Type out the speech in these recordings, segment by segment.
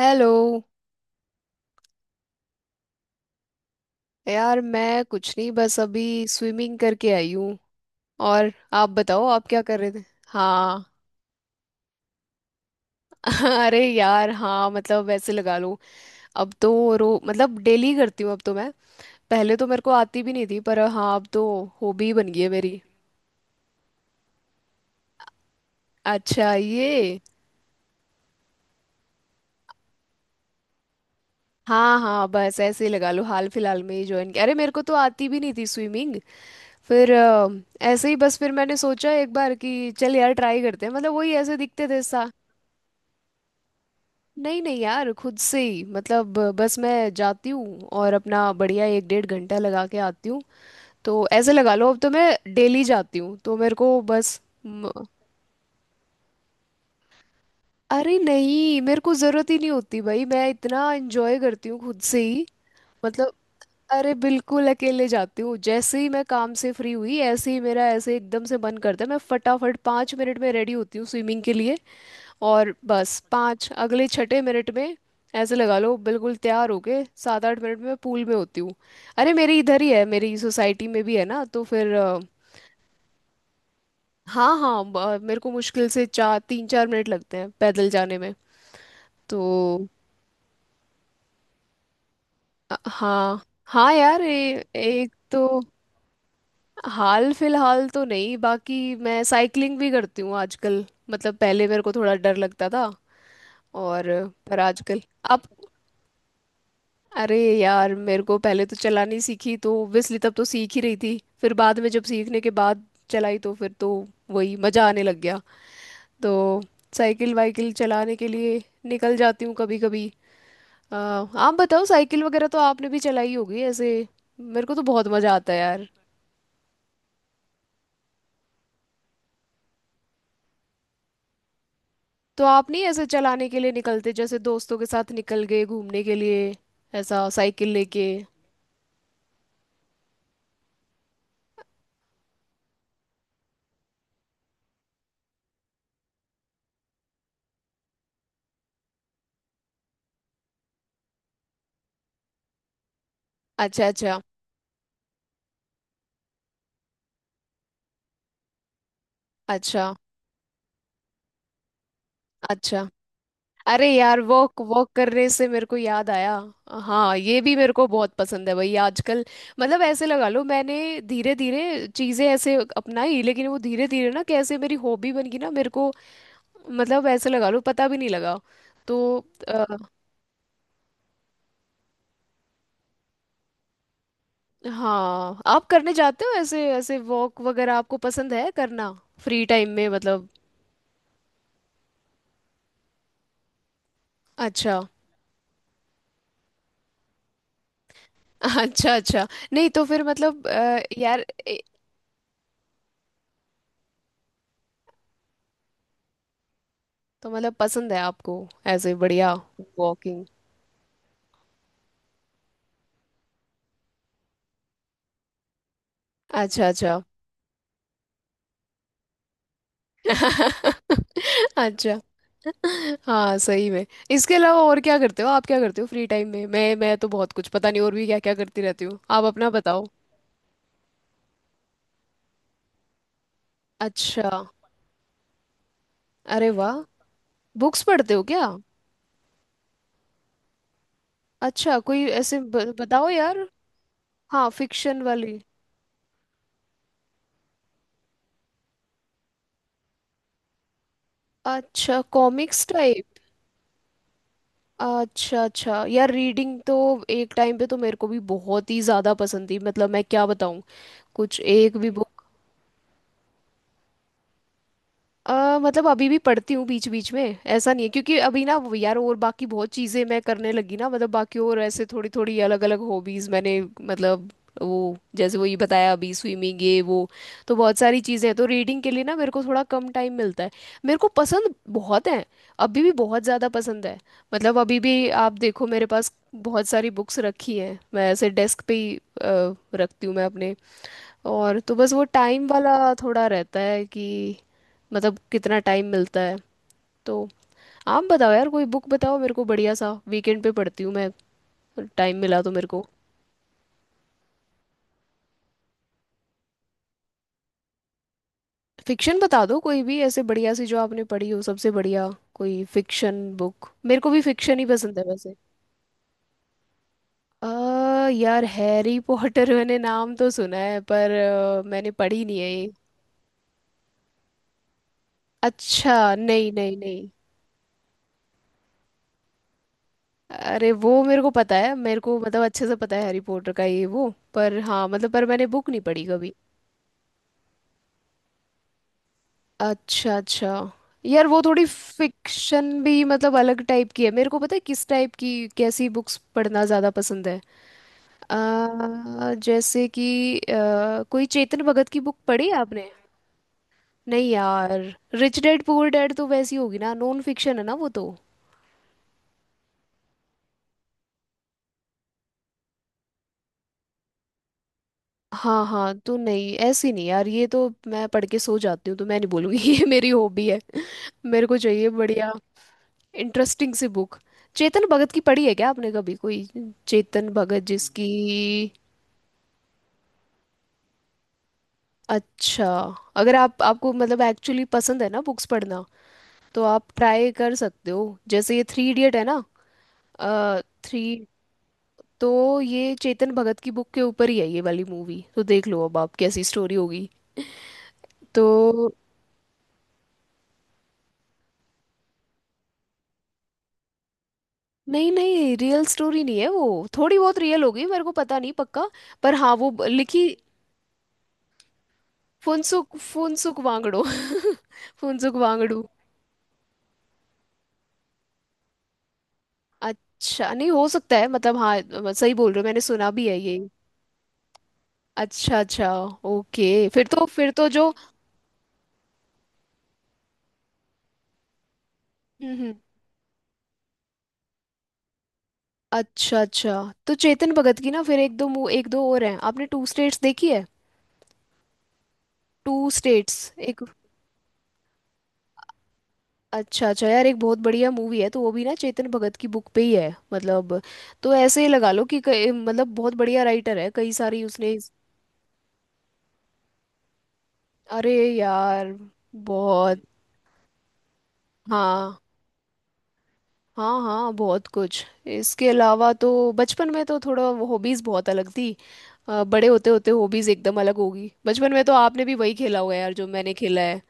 Hello. यार मैं कुछ नहीं बस अभी स्विमिंग करके आई हूँ। और आप बताओ आप क्या कर रहे थे। हाँ। अरे यार हाँ मतलब वैसे लगा लो अब तो। रो मतलब डेली करती हूँ अब तो मैं। पहले तो मेरे को आती भी नहीं थी पर हाँ अब तो हॉबी बन गई है मेरी। अच्छा ये। हाँ हाँ बस ऐसे ही लगा लो हाल फिलहाल में ही ज्वाइन किया। अरे मेरे को तो आती भी नहीं थी स्विमिंग। फिर ऐसे ही बस फिर मैंने सोचा एक बार कि चल यार ट्राई करते हैं मतलब वही ऐसे दिखते थे। नहीं नहीं यार खुद से ही मतलब बस मैं जाती हूँ और अपना बढ़िया एक डेढ़ घंटा लगा के आती हूँ। तो ऐसे लगा लो अब तो मैं डेली जाती हूँ तो मेरे को बस। अरे नहीं मेरे को जरूरत ही नहीं होती भाई मैं इतना एंजॉय करती हूँ खुद से ही। मतलब। अरे बिल्कुल अकेले जाती हूँ जैसे ही मैं काम से फ्री हुई ऐसे ही मेरा ऐसे एकदम से मन करता है मैं फटाफट 5 मिनट में रेडी होती हूँ स्विमिंग के लिए। और बस पाँच अगले छठे मिनट में ऐसे लगा लो बिल्कुल तैयार होके 7-8 मिनट में मैं पूल में होती हूँ। अरे मेरी इधर ही है मेरी सोसाइटी में भी है ना तो फिर हाँ हाँ मेरे को मुश्किल से चार 3-4 मिनट लगते हैं पैदल जाने में। तो हाँ हाँ यार एक तो। हाल फिलहाल तो नहीं बाकी मैं साइकिलिंग भी करती हूँ आजकल मतलब पहले मेरे को थोड़ा डर लगता था। और पर आजकल अब। अरे यार मेरे को पहले तो चलानी सीखी तो ओब्वियसली तब तो सीख ही रही थी फिर बाद में जब सीखने के बाद चलाई तो फिर तो वही मजा आने लग गया। तो साइकिल वाइकिल चलाने के लिए निकल जाती हूँ कभी कभी। आप बताओ साइकिल वगैरह तो आपने भी चलाई होगी ऐसे। मेरे को तो बहुत मज़ा आता है यार। तो आप नहीं ऐसे चलाने के लिए निकलते जैसे दोस्तों के साथ निकल गए घूमने के लिए ऐसा साइकिल लेके। अच्छा अच्छा। अच्छा अच्छा। अरे यार वॉक वॉक करने से मेरे को याद आया। हाँ ये भी मेरे को बहुत पसंद है भाई आजकल। मतलब ऐसे लगा लो मैंने धीरे धीरे चीज़ें ऐसे अपनाई लेकिन वो धीरे धीरे ना कैसे मेरी हॉबी बन गई ना मेरे को। मतलब ऐसे लगा लो पता भी नहीं लगा। तो अ, हाँ आप करने जाते हो ऐसे ऐसे वॉक वगैरह आपको पसंद है करना फ्री टाइम में मतलब। अच्छा। अच्छा अच्छा। नहीं तो फिर मतलब यार तो मतलब पसंद है आपको ऐसे बढ़िया वॉकिंग। अच्छा अच्छा। अच्छा। हाँ सही में। इसके अलावा और क्या करते हो आप क्या करते हो फ्री टाइम में। मैं तो बहुत कुछ पता नहीं और भी क्या क्या करती रहती हूँ। आप अपना बताओ। अच्छा। अरे वाह। बुक्स पढ़ते हो क्या। अच्छा कोई ऐसे बताओ यार। हाँ फिक्शन वाली। अच्छा कॉमिक्स टाइप। अच्छा अच्छा यार रीडिंग तो एक टाइम पे तो मेरे को भी बहुत ही ज़्यादा पसंद थी मतलब मैं क्या बताऊँ कुछ एक भी बुक। मतलब अभी भी पढ़ती हूँ बीच बीच में ऐसा नहीं है क्योंकि अभी ना वो यार और बाकी बहुत चीज़ें मैं करने लगी ना मतलब बाकी और ऐसे थोड़ी थोड़ी अलग अलग हॉबीज़ मैंने मतलब वो जैसे वो ये बताया अभी स्विमिंग ये वो। तो बहुत सारी चीज़ें हैं तो रीडिंग के लिए ना मेरे को थोड़ा कम टाइम मिलता है। मेरे को पसंद बहुत है। अभी भी बहुत ज़्यादा पसंद है। मतलब अभी भी आप देखो मेरे पास बहुत सारी बुक्स रखी हैं मैं ऐसे डेस्क पे ही रखती हूँ मैं अपने। और तो बस वो टाइम वाला थोड़ा रहता है कि मतलब कितना टाइम मिलता है। तो आप बताओ यार कोई बुक बताओ मेरे को बढ़िया सा। वीकेंड पे पढ़ती हूँ मैं टाइम मिला तो मेरे को। फिक्शन बता दो कोई भी ऐसे बढ़िया सी जो आपने पढ़ी हो सबसे बढ़िया कोई फिक्शन बुक। मेरे को भी फिक्शन ही पसंद है वैसे। अ यार हैरी पॉटर। मैंने नाम तो सुना है पर मैंने पढ़ी नहीं है ये। अच्छा नहीं नहीं नहीं। अरे वो मेरे को पता है मेरे को मतलब अच्छे से पता है हैरी पॉटर का ये वो पर हाँ मतलब पर मैंने बुक नहीं पढ़ी कभी। अच्छा अच्छा यार वो थोड़ी फिक्शन भी मतलब अलग टाइप की है मेरे को पता है किस टाइप की। कैसी बुक्स पढ़ना ज़्यादा पसंद है। जैसे कि कोई चेतन भगत की बुक पढ़ी है आपने। नहीं यार। रिच डैड पुअर डैड तो वैसी होगी ना नॉन फिक्शन है ना वो तो। हाँ हाँ तो नहीं ऐसी नहीं यार ये तो मैं पढ़ के सो जाती हूँ तो मैं नहीं बोलूंगी। ये मेरी हॉबी है। मेरे को चाहिए बढ़िया इंटरेस्टिंग सी बुक। चेतन भगत की पढ़ी है क्या आपने कभी कोई। चेतन भगत जिसकी। अच्छा। अगर आप आपको मतलब एक्चुअली पसंद है ना बुक्स पढ़ना तो आप ट्राई कर सकते हो। जैसे ये थ्री इडियट है ना थ्री। तो ये चेतन भगत की बुक के ऊपर ही है ये वाली मूवी तो देख लो अब आप कैसी स्टोरी होगी। तो नहीं नहीं रियल स्टोरी नहीं है वो थोड़ी बहुत रियल होगी मेरे को पता नहीं पक्का। पर हाँ वो लिखी। फुनसुक। फुनसुक वांगड़ो। फुनसुक वांगड़ू। अच्छा नहीं हो सकता है मतलब हाँ सही बोल रहे हो मैंने सुना भी है ये। अच्छा अच्छा। ओके फिर तो जो। हम्म। अच्छा अच्छा। तो चेतन भगत की ना फिर एक दो एक दो और हैं। आपने टू स्टेट्स देखी है। टू स्टेट्स एक। अच्छा अच्छा यार एक बहुत बढ़िया मूवी है तो वो भी ना चेतन भगत की बुक पे ही है मतलब। तो ऐसे ही लगा लो कि मतलब बहुत बढ़िया राइटर है कई सारी उसने अरे यार बहुत। हाँ हाँ हाँ बहुत कुछ। इसके अलावा तो बचपन में तो थोड़ा हॉबीज बहुत अलग थी। बड़े होते होते हॉबीज एकदम अलग होगी बचपन में तो आपने भी वही खेला होगा यार जो मैंने खेला है।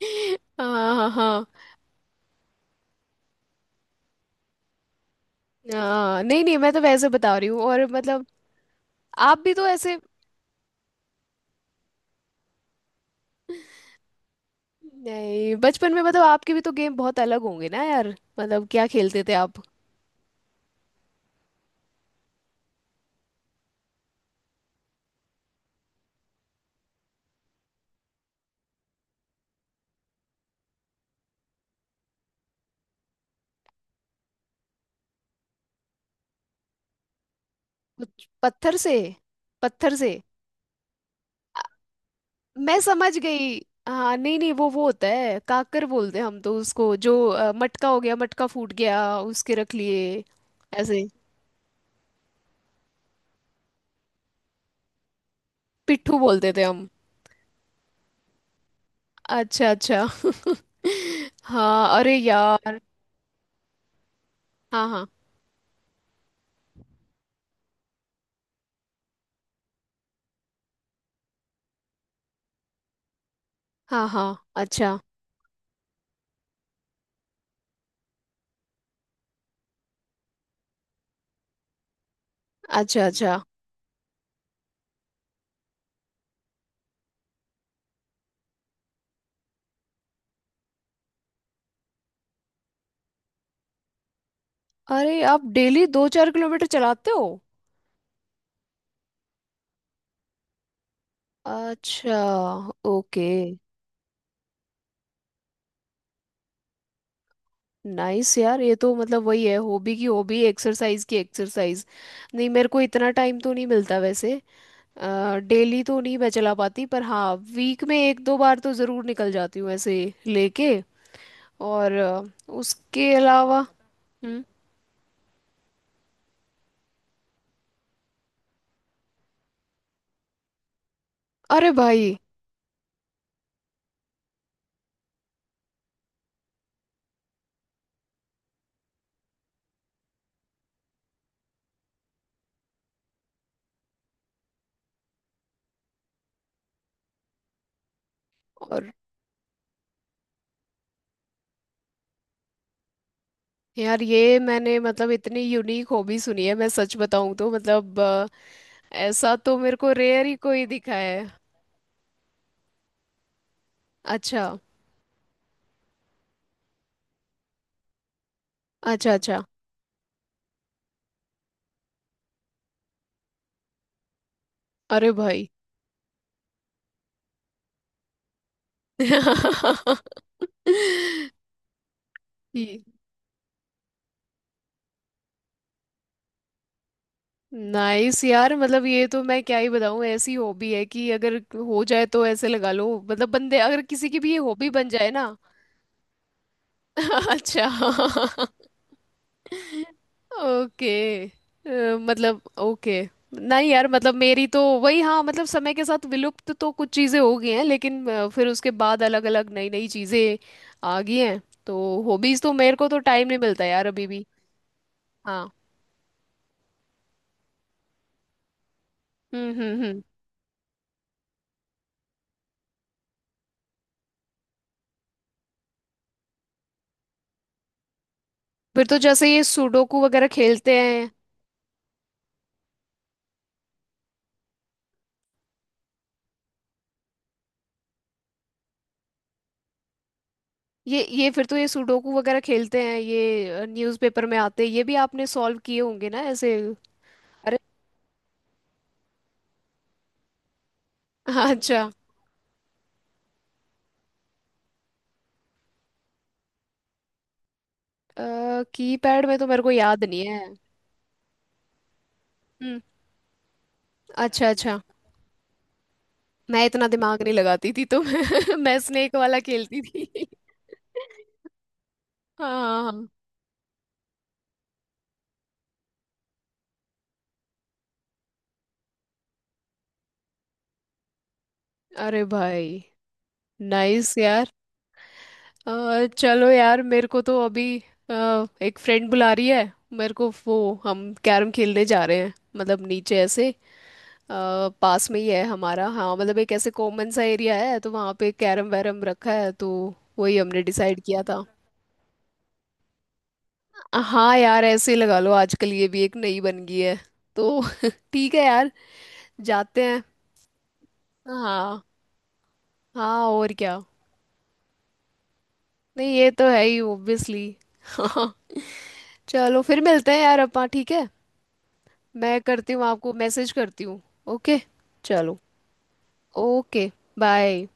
हाँ हाँ हाँ। हाँ, नहीं नहीं मैं तो वैसे बता रही हूँ और मतलब आप भी तो ऐसे। नहीं बचपन में मतलब आपके भी तो गेम बहुत अलग होंगे ना यार मतलब क्या खेलते थे आप। कुछ पत्थर से। पत्थर से। मैं समझ गई। हाँ नहीं नहीं वो होता है काकर बोलते हैं हम तो उसको जो मटका हो गया मटका फूट गया उसके रख लिए। ऐसे पिट्ठू बोलते थे हम। अच्छा अच्छा। हाँ अरे यार। हाँ हाँ हाँ हाँ। अच्छा अच्छा। अच्छा। अरे आप डेली 2-4 किलोमीटर चलाते हो। अच्छा। ओके। नाइस यार ये तो मतलब वही है हॉबी की हॉबी एक्सरसाइज की एक्सरसाइज। नहीं मेरे को इतना टाइम तो नहीं मिलता वैसे। डेली तो नहीं मैं चला पाती पर हाँ वीक में 1-2 बार तो ज़रूर निकल जाती हूँ ऐसे लेके। और उसके अलावा। हम्म। अरे भाई। और। यार ये मैंने मतलब इतनी यूनिक हॉबी सुनी है मैं सच बताऊँ तो मतलब ऐसा तो मेरे को रेयर ही कोई दिखा है। अच्छा। अच्छा। अच्छा। अरे भाई। ये- नाइस यार मतलब ये तो मैं क्या ही बताऊं ऐसी हॉबी है कि अगर हो जाए तो ऐसे लगा लो मतलब बंदे अगर किसी की भी ये हॉबी बन जाए ना। अच्छा। ओके मतलब ओके। नहीं यार मतलब मेरी तो वही हाँ मतलब समय के साथ विलुप्त तो कुछ चीज़ें हो गई हैं लेकिन फिर उसके बाद अलग अलग नई नई चीज़ें आ गई हैं। तो हॉबीज़ तो मेरे को तो टाइम नहीं मिलता यार अभी भी। हाँ। हम्म। फिर तो जैसे ये सुडोकू वगैरह खेलते हैं। ये फिर तो ये सुडोकू वगैरह खेलते हैं ये न्यूज़पेपर में आते हैं ये भी आपने सॉल्व किए होंगे ना ऐसे। अरे। हाँ, अच्छा। कीपैड में तो मेरे को याद नहीं है। हम्म। अच्छा अच्छा। मैं इतना दिमाग नहीं लगाती थी तो मैं स्नेक वाला खेलती थी। हाँ हाँ, हाँ। अरे भाई। नाइस यार चलो यार मेरे को तो अभी एक फ्रेंड बुला रही है मेरे को वो। हम कैरम खेलने जा रहे हैं मतलब नीचे ऐसे पास में ही है हमारा। हाँ मतलब एक ऐसे कॉमन सा एरिया है तो वहाँ पे कैरम वैरम रखा है तो वही हमने डिसाइड किया था। हाँ यार ऐसे ही लगा लो आजकल ये भी एक नई बन गई है। तो ठीक है यार जाते हैं। हाँ। हाँ और क्या। नहीं ये तो है ही ऑब्वियसली। हाँ। चलो फिर मिलते हैं यार अपा ठीक है। मैं करती हूँ आपको मैसेज करती हूँ। ओके। चलो। ओके। बाय।